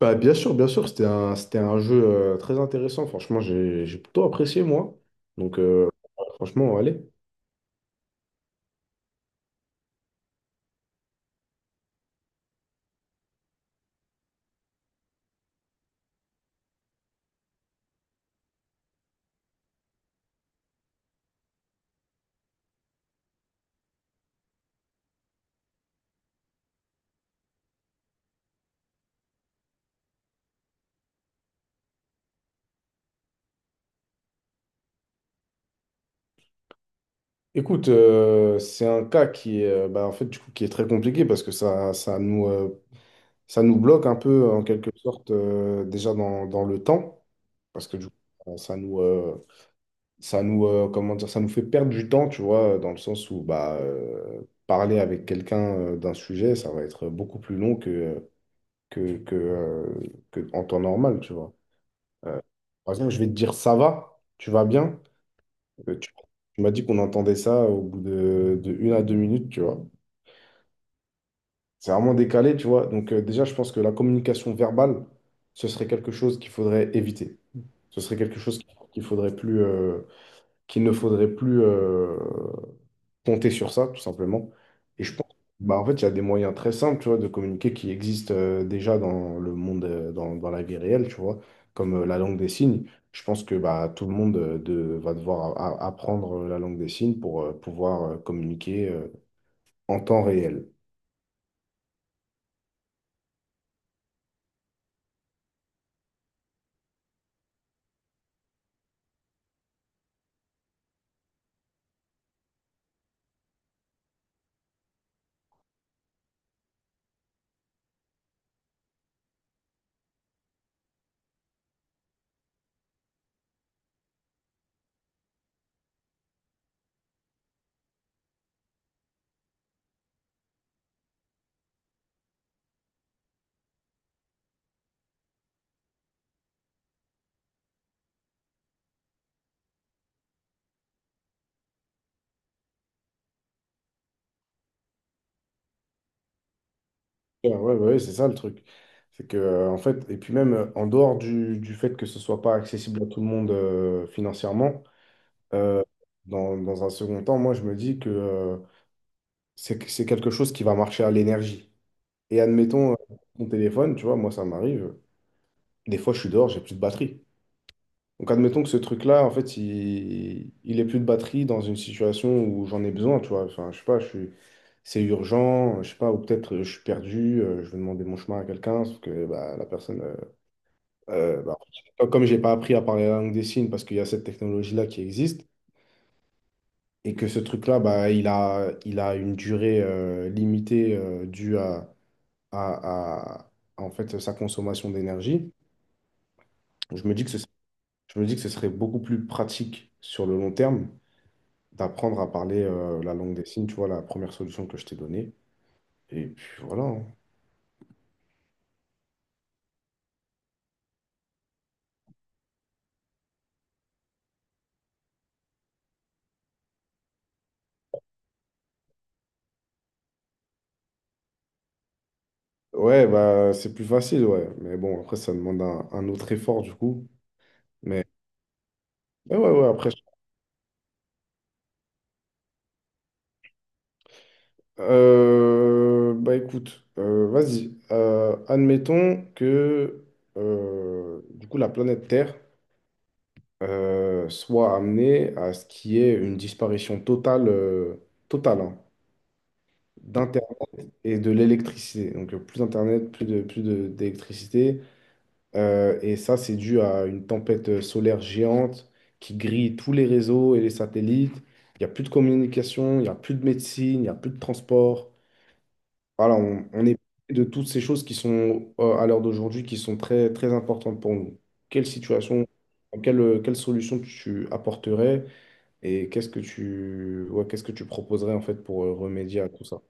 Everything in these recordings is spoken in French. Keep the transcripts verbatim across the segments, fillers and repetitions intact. Bah, bien sûr, bien sûr, c'était un, c'était un jeu euh, très intéressant. Franchement, j'ai, j'ai plutôt apprécié, moi. Donc, euh, franchement, allez. Écoute, euh, c'est un cas qui est, euh, bah, en fait, du coup, qui est très compliqué parce que ça, ça nous, euh, ça nous bloque un peu, en quelque sorte, euh, déjà dans, dans le temps. Parce que, du coup, euh, ça nous, euh, ça nous, euh, comment dire, ça nous fait perdre du temps, tu vois, dans le sens où bah, euh, parler avec quelqu'un euh, d'un sujet, ça va être beaucoup plus long que. que, que, euh, que en temps normal, tu vois. Euh, Par exemple, je vais te dire ça va, tu vas bien. Euh, tu tu m'as dit qu'on entendait ça au bout de, de une à deux minutes, tu vois. C'est vraiment décalé, tu vois. Donc euh, déjà, je pense que la communication verbale, ce serait quelque chose qu'il faudrait éviter. Ce serait quelque chose qu'il faudrait plus, euh, qu'il ne faudrait plus. Euh, compter sur ça, tout simplement. Et je pense, bah, en fait, il y a des moyens très simples, tu vois, de communiquer qui existent euh, déjà dans le monde, euh, dans, dans la vie réelle, tu vois, comme euh, la langue des signes. Je pense que bah, tout le monde euh, de- va devoir a- a- apprendre euh, la langue des signes pour euh, pouvoir euh, communiquer euh, en temps réel. Ouais, ouais, ouais, c'est ça le truc. C'est que, euh, en fait, et puis même euh, en dehors du, du fait que ce soit pas accessible à tout le monde euh, financièrement, euh, dans, dans un second temps, moi, je me dis que euh, c'est que- c'est quelque chose qui va marcher à l'énergie. Et admettons, euh, mon téléphone, tu vois, moi, ça m'arrive. Des fois, je suis dehors, j'ai plus de batterie. Donc, admettons que ce truc-là, en fait, il, il ait plus de batterie dans une situation où j'en ai besoin, tu vois. Enfin, je sais pas, je suis, c'est urgent, je sais pas, ou peut-être euh, je suis perdu, euh, je vais demander mon chemin à quelqu'un, sauf que bah, la personne, euh, euh, bah, comme comme j'ai pas appris à parler la langue des signes parce qu'il y a cette technologie-là qui existe, et que ce truc-là, bah, il a, il a une durée euh, limitée euh, due à à, à- en fait, sa consommation d'énergie, je me dis que ce, je me dis que ce serait beaucoup plus pratique sur le long terme d'apprendre à parler euh, la langue des signes, tu vois, la première solution que je t'ai donnée. Et puis voilà, hein. Ouais, bah c'est plus facile, ouais. Mais bon, après, ça demande un, un autre effort, du coup. Mais mais ouais, ouais, après. Je- Euh, bah écoute, euh, vas-y. Euh, admettons que, euh, du coup, la planète Terre euh, soit amené à ce qu'il y ait une disparition totale, euh, totale hein, d'Internet et de l'électricité. Donc euh, plus d'Internet, plus de, plus de- d'électricité. Euh, et ça, c'est dû à une tempête euh, solaire géante qui grille tous les réseaux et les satellites. Il n'y a plus de communication, il n'y a plus de médecine, il n'y a plus de transport. Voilà, on, on est privé de toutes ces choses qui sont euh, à l'heure d'aujourd'hui, qui sont très, très importantes pour nous. Quelle situation, quelle, euh, quelle solution tu apporterais? Et qu'est-ce que tu, ouais, qu'est-ce que tu proposerais en fait pour euh, remédier à tout ça?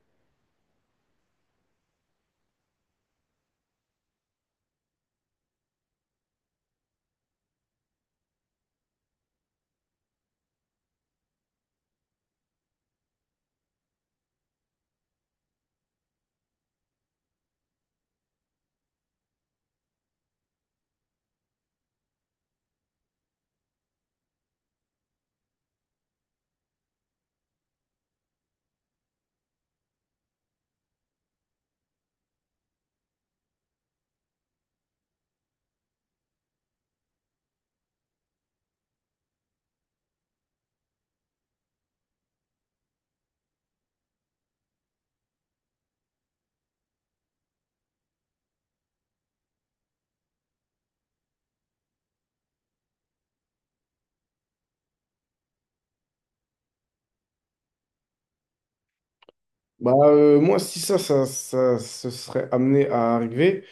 Bah, euh, moi, si ça, ça, ça se serait amené à arriver,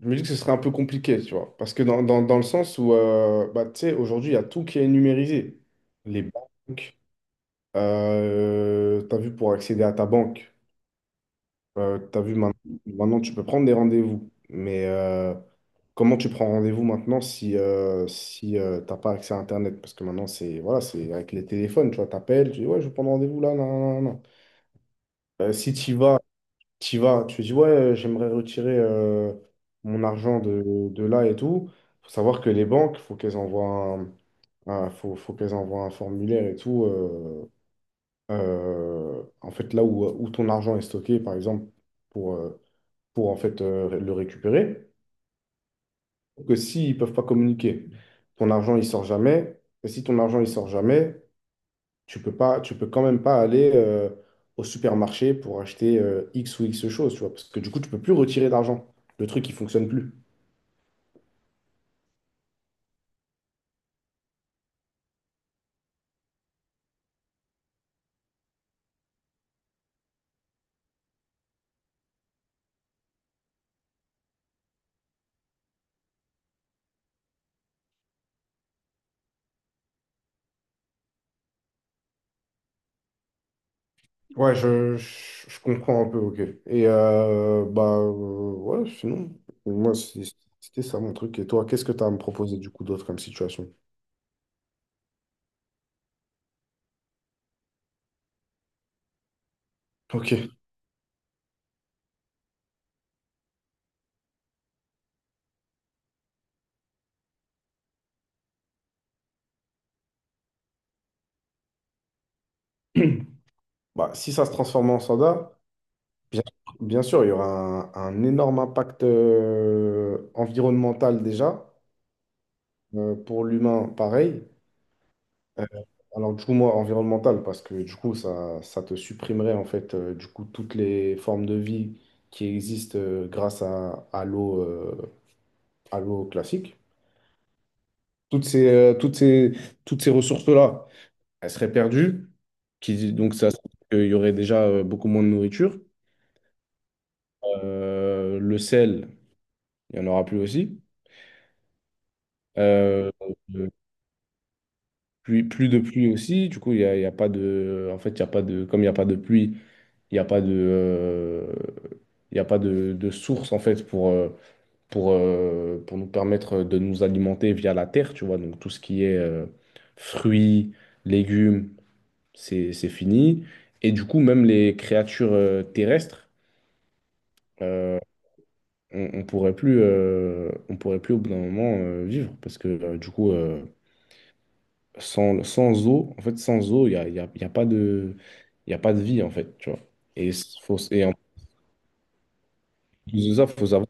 je me dis que ce serait un peu compliqué, tu vois. Parce que dans, dans, dans le sens où, euh, bah, tu sais, aujourd'hui, il y a tout qui est numérisé. Les banques, euh, tu as vu pour accéder à ta banque. Euh, t'as vu, maintenant, maintenant, tu peux prendre des rendez-vous, mais euh, comment tu prends rendez-vous maintenant si, euh, si euh, t'as pas accès à Internet? Parce que maintenant, c'est voilà, c'est avec les téléphones, tu vois, t'appelles, tu dis, ouais, je veux prendre rendez-vous là, non, non, non. Euh, si t'y vas, t'y vas, tu dis, ouais, euh, j'aimerais retirer euh, mon argent de, de là et tout. Faut savoir que les banques, faut qu'elles envoient un, un- faut, faut qu'elles envoient un formulaire et tout. Euh, euh, en fait, là où, où ton argent est stocké, par exemple, pour euh, pour en fait euh, le récupérer. Que s'ils peuvent pas communiquer, ton argent il sort jamais. Et si ton argent il sort jamais, tu peux pas, tu peux quand même pas aller euh, au supermarché pour acheter euh, X ou X choses, tu vois, parce que du coup tu peux plus retirer d'argent. Le truc il fonctionne plus. Ouais, je, je, je comprends un peu, ok. Et euh, bah euh, ouais, sinon, moi c'est- c'était ça mon truc. Et toi, qu'est-ce que tu as à me proposer du coup d'autre comme situation? Ok. Bah, si ça se transforme en soda, Bien, bien sûr, il y aura un, un énorme impact euh, environnemental déjà, euh, pour l'humain pareil. Euh, alors du coup, moi, environnemental, parce que du coup, ça, ça te supprimerait en fait euh, du coup toutes les formes de vie qui existent euh, grâce à, à l'eau euh, à l'eau classique. Toutes ces, euh, toutes ces, toutes ces ressources-là, elles seraient perdues, qui, donc ça, il y aurait déjà euh, beaucoup moins de nourriture. Euh, le sel, il n'y en aura plus aussi. Euh, euh, plus plus de pluie aussi, du coup, il n'y a, il y a pas de. En fait, il y a pas de. Comme il n'y a pas de pluie, il n'y a pas de. euh, Il n'y a pas de, de source, en fait, pour, euh, pour, euh, pour nous permettre de nous alimenter via la terre, tu vois. Donc, tout ce qui est euh, fruits, légumes, c'est, c'est fini. Et du coup, même les créatures euh, terrestres, euh, on, on pourrait plus, euh, on pourrait plus, au bout d'un moment, euh, vivre. Parce que, euh, du coup. euh, sans, sans eau, en fait, sans eau, il n'y a, il y a, il y a pas de, il y a pas de vie, en fait, tu vois. Et, s- faut, et en plus de ça, faut savoir.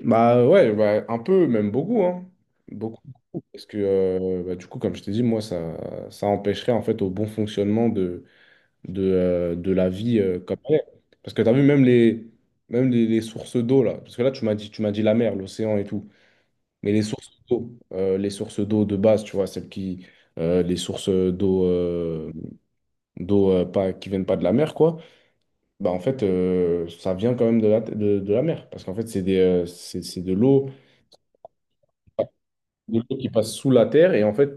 Bah ouais, bah, un peu, même beaucoup, hein. Beaucoup, beaucoup. Parce que, euh, bah, du coup, comme je t'ai dit, moi, ça, ça empêcherait, en fait, au bon fonctionnement de, de, euh, de la vie euh, comme elle est. Parce que tu as vu, même les, même les, les sources d'eau, là. Parce que là, tu m'as dit, tu m'as dit la mer, l'océan et tout. Mais les sources d'eau, euh, les sources d'eau de base, tu vois, celles qui. Euh, les sources d'eau. Euh, d'eau euh, pas, qui viennent pas de la mer, quoi, bah en fait, euh, ça vient quand même de la, de, de la mer. Parce qu'en fait, c'est des, euh, c'est, c'est de l'eau, de l'eau, qui passe sous la terre. Et en fait,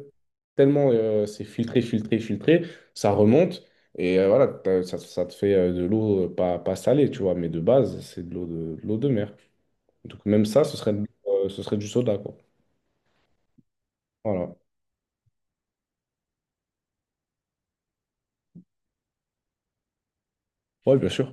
tellement euh, c'est filtré, filtré, filtré, ça remonte. Et euh, voilà, t'as- ça, ça te fait euh, de l'eau euh, pas, pas salée, tu vois. Mais de base, c'est de l'eau de, de l'eau de mer. Donc même ça, ce serait, euh, ce serait du soda, quoi. Voilà. Ouais, bien sûr.